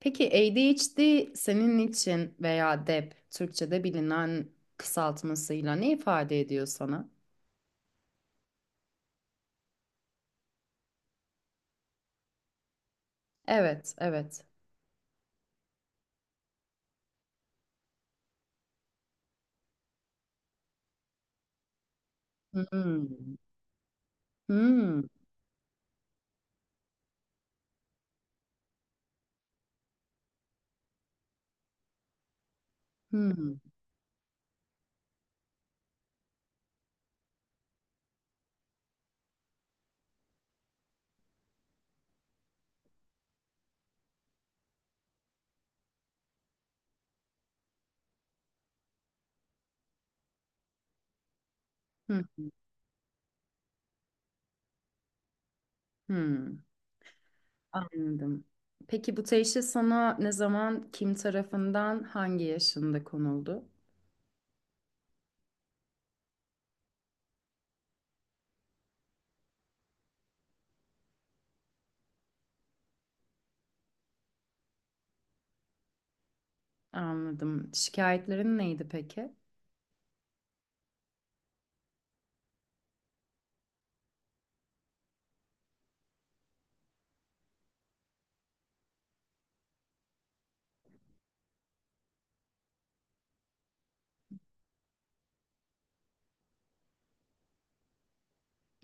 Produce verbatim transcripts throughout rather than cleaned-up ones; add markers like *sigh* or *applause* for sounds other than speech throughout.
Peki A D H D senin için veya D E P Türkçe'de bilinen kısaltmasıyla ne ifade ediyor sana? Evet, evet. Hmm. Hmm. Hmm. Hmm. Hmm. Anladım. Peki bu teşhis sana ne zaman, kim tarafından, hangi yaşında konuldu? Anladım. Şikayetlerin neydi peki?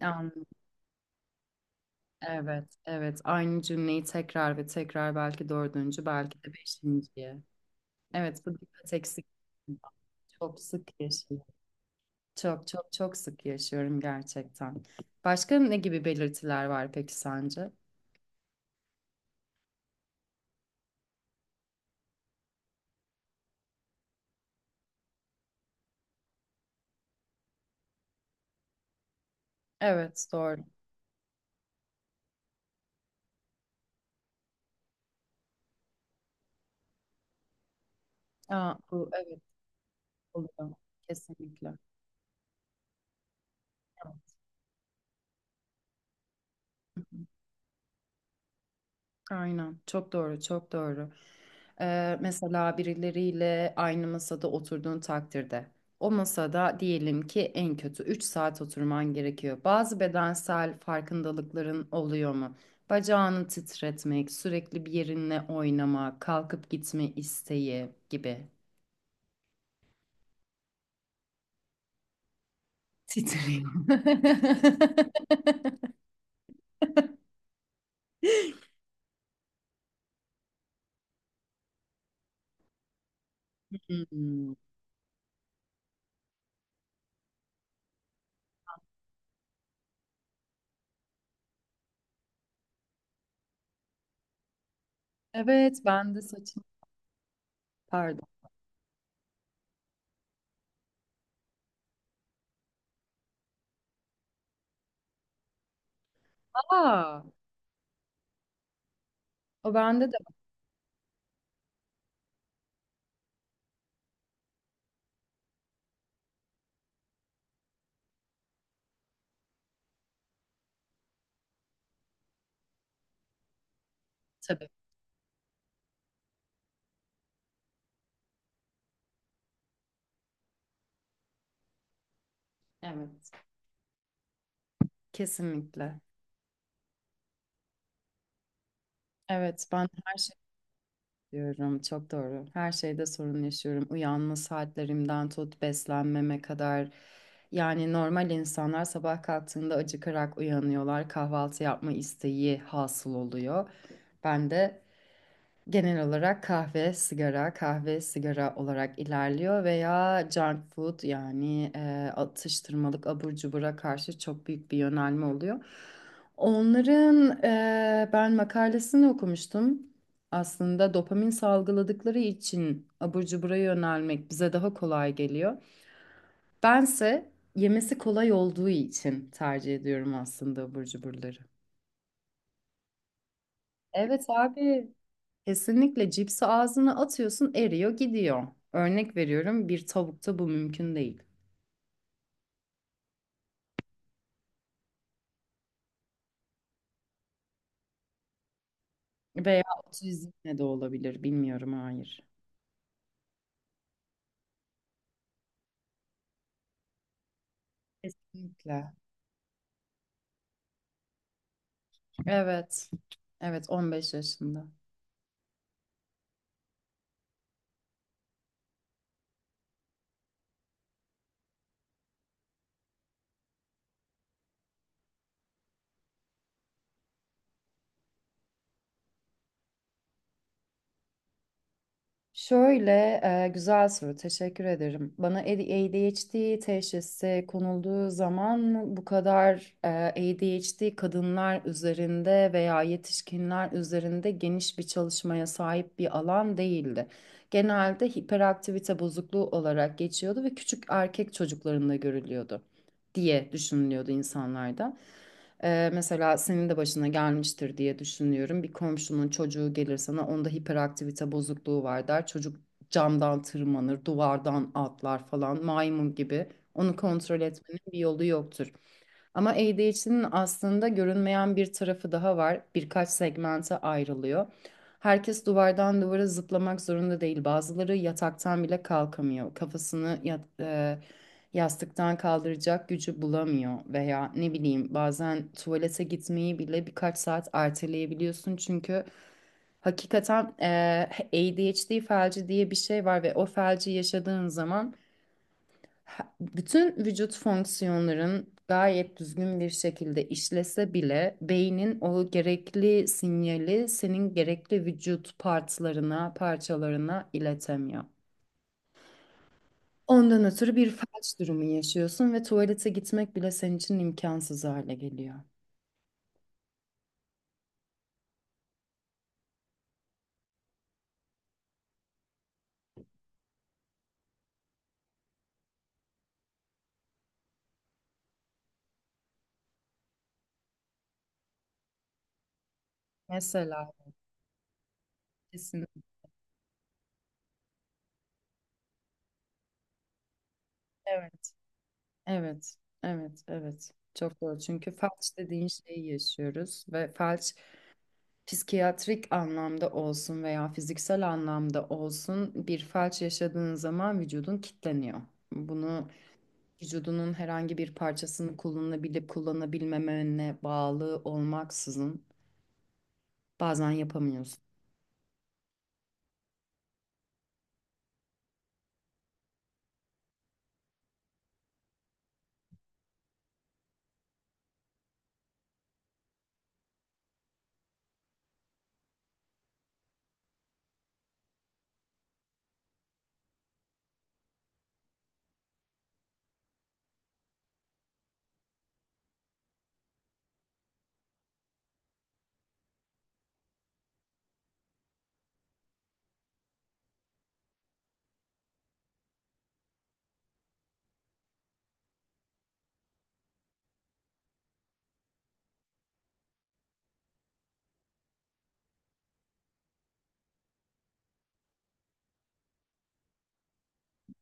Anladım. Evet, evet. Aynı cümleyi tekrar ve tekrar belki dördüncü, belki de beşinciye. Evet, bu dikkat eksik. Çok sık yaşıyorum. Çok çok çok sık yaşıyorum gerçekten. Başka ne gibi belirtiler var peki sence? Evet, doğru. Aa, bu evet oluyor. Kesinlikle. Evet. Aynen. Çok doğru, çok doğru. Ee, mesela birileriyle aynı masada oturduğun takdirde o masada diyelim ki en kötü üç saat oturman gerekiyor. Bazı bedensel farkındalıkların oluyor mu? Bacağını titretmek, sürekli bir yerinle oynama, kalkıp gitme isteği gibi. Titriyor. *laughs* Hmm. Evet, ben de saçım. Pardon. Aa, o bende de var tabii. Evet, kesinlikle. Evet, ben her şey diyorum. Çok doğru. Her şeyde sorun yaşıyorum. Uyanma saatlerimden tut beslenmeme kadar. Yani normal insanlar sabah kalktığında acıkarak uyanıyorlar. Kahvaltı yapma isteği hasıl oluyor. Ben de Genel olarak kahve, sigara, kahve, sigara olarak ilerliyor veya junk food yani e, atıştırmalık abur cubura karşı çok büyük bir yönelme oluyor. Onların e, ben makalesini okumuştum. Aslında dopamin salgıladıkları için abur cubura yönelmek bize daha kolay geliyor. Bense yemesi kolay olduğu için tercih ediyorum aslında abur cuburları. Evet abi. Kesinlikle cipsi ağzına atıyorsun eriyor gidiyor. Örnek veriyorum, bir tavukta bu mümkün değil. Veya otizmle de olabilir bilmiyorum, hayır. Kesinlikle. Evet. Evet, on beş yaşında. Şöyle e, güzel soru, teşekkür ederim. Bana A D H D teşhisi konulduğu zaman bu kadar e, A D H D kadınlar üzerinde veya yetişkinler üzerinde geniş bir çalışmaya sahip bir alan değildi. Genelde hiperaktivite bozukluğu olarak geçiyordu ve küçük erkek çocuklarında görülüyordu diye düşünülüyordu insanlarda. Ee, mesela senin de başına gelmiştir diye düşünüyorum. Bir komşunun çocuğu gelir sana, onda hiperaktivite bozukluğu var der. Çocuk camdan tırmanır, duvardan atlar falan, maymun gibi. Onu kontrol etmenin bir yolu yoktur. Ama A D H D'nin aslında görünmeyen bir tarafı daha var. Birkaç segmente ayrılıyor. Herkes duvardan duvara zıplamak zorunda değil. Bazıları yataktan bile kalkamıyor. Kafasını yat, e, yastıktan kaldıracak gücü bulamıyor veya ne bileyim, bazen tuvalete gitmeyi bile birkaç saat erteleyebiliyorsun çünkü hakikaten eee A D H D felci diye bir şey var ve o felci yaşadığın zaman ha- bütün vücut fonksiyonların gayet düzgün bir şekilde işlese bile beynin o gerekli sinyali senin gerekli vücut partlarına, parçalarına iletemiyor. Ondan ötürü bir felç durumu yaşıyorsun ve tuvalete gitmek bile senin için imkansız hale geliyor. Mesela. Kesin. Evet, evet, evet, evet. Çok doğru. Çünkü felç dediğin şeyi yaşıyoruz ve felç, psikiyatrik anlamda olsun veya fiziksel anlamda olsun, bir felç yaşadığın zaman vücudun kilitleniyor. Bunu, vücudunun herhangi bir parçasını kullanabilip kullanabilmemene bağlı olmaksızın, bazen yapamıyorsun.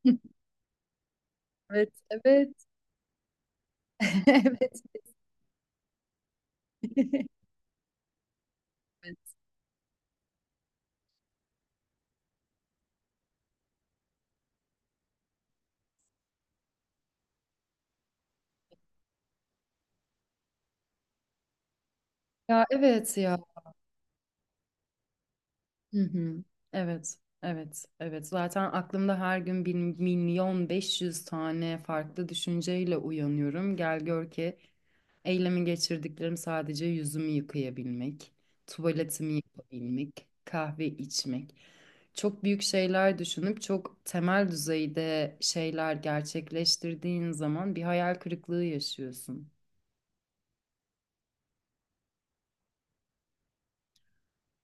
*laughs* Evet, evet. *laughs* Evet. *laughs* Evet. Ya evet ya. Hı hı. Evet. Evet. Evet. Zaten aklımda her gün bir milyon beş yüz tane farklı düşünceyle uyanıyorum. Gel gör ki eylemi geçirdiklerim sadece yüzümü yıkayabilmek, tuvaletimi yapabilmek, kahve içmek. Çok büyük şeyler düşünüp çok temel düzeyde şeyler gerçekleştirdiğin zaman bir hayal kırıklığı yaşıyorsun.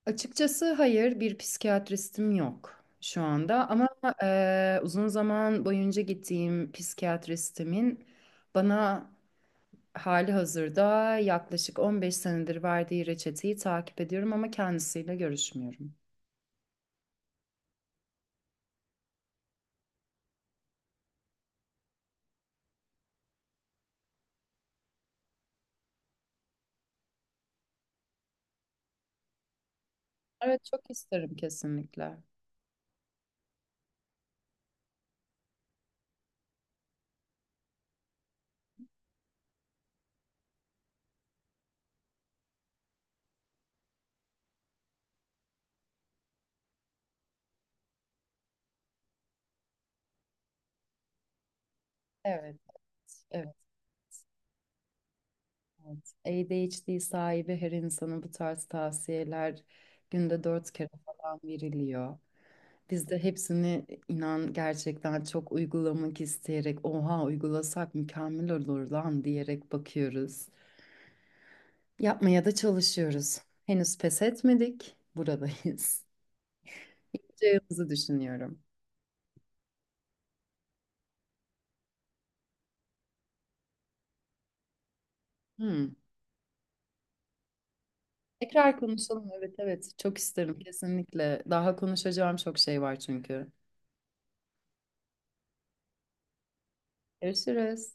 Açıkçası hayır, bir psikiyatristim yok şu anda ama eee, uzun zaman boyunca gittiğim psikiyatristimin bana hali hazırda yaklaşık on beş senedir verdiği reçeteyi takip ediyorum ama kendisiyle görüşmüyorum. Evet, çok isterim kesinlikle. Evet, evet, evet. A D H D sahibi her insana bu tarz tavsiyeler günde dört kere falan veriliyor. Biz de hepsini, inan gerçekten çok uygulamak isteyerek, oha uygulasak mükemmel olur lan diyerek bakıyoruz. Yapmaya da çalışıyoruz. Henüz pes etmedik. Buradayız. *laughs* Yapacağımızı düşünüyorum. Hmm. Tekrar konuşalım. Evet, evet, çok isterim kesinlikle. Daha konuşacağım çok şey var çünkü. Görüşürüz.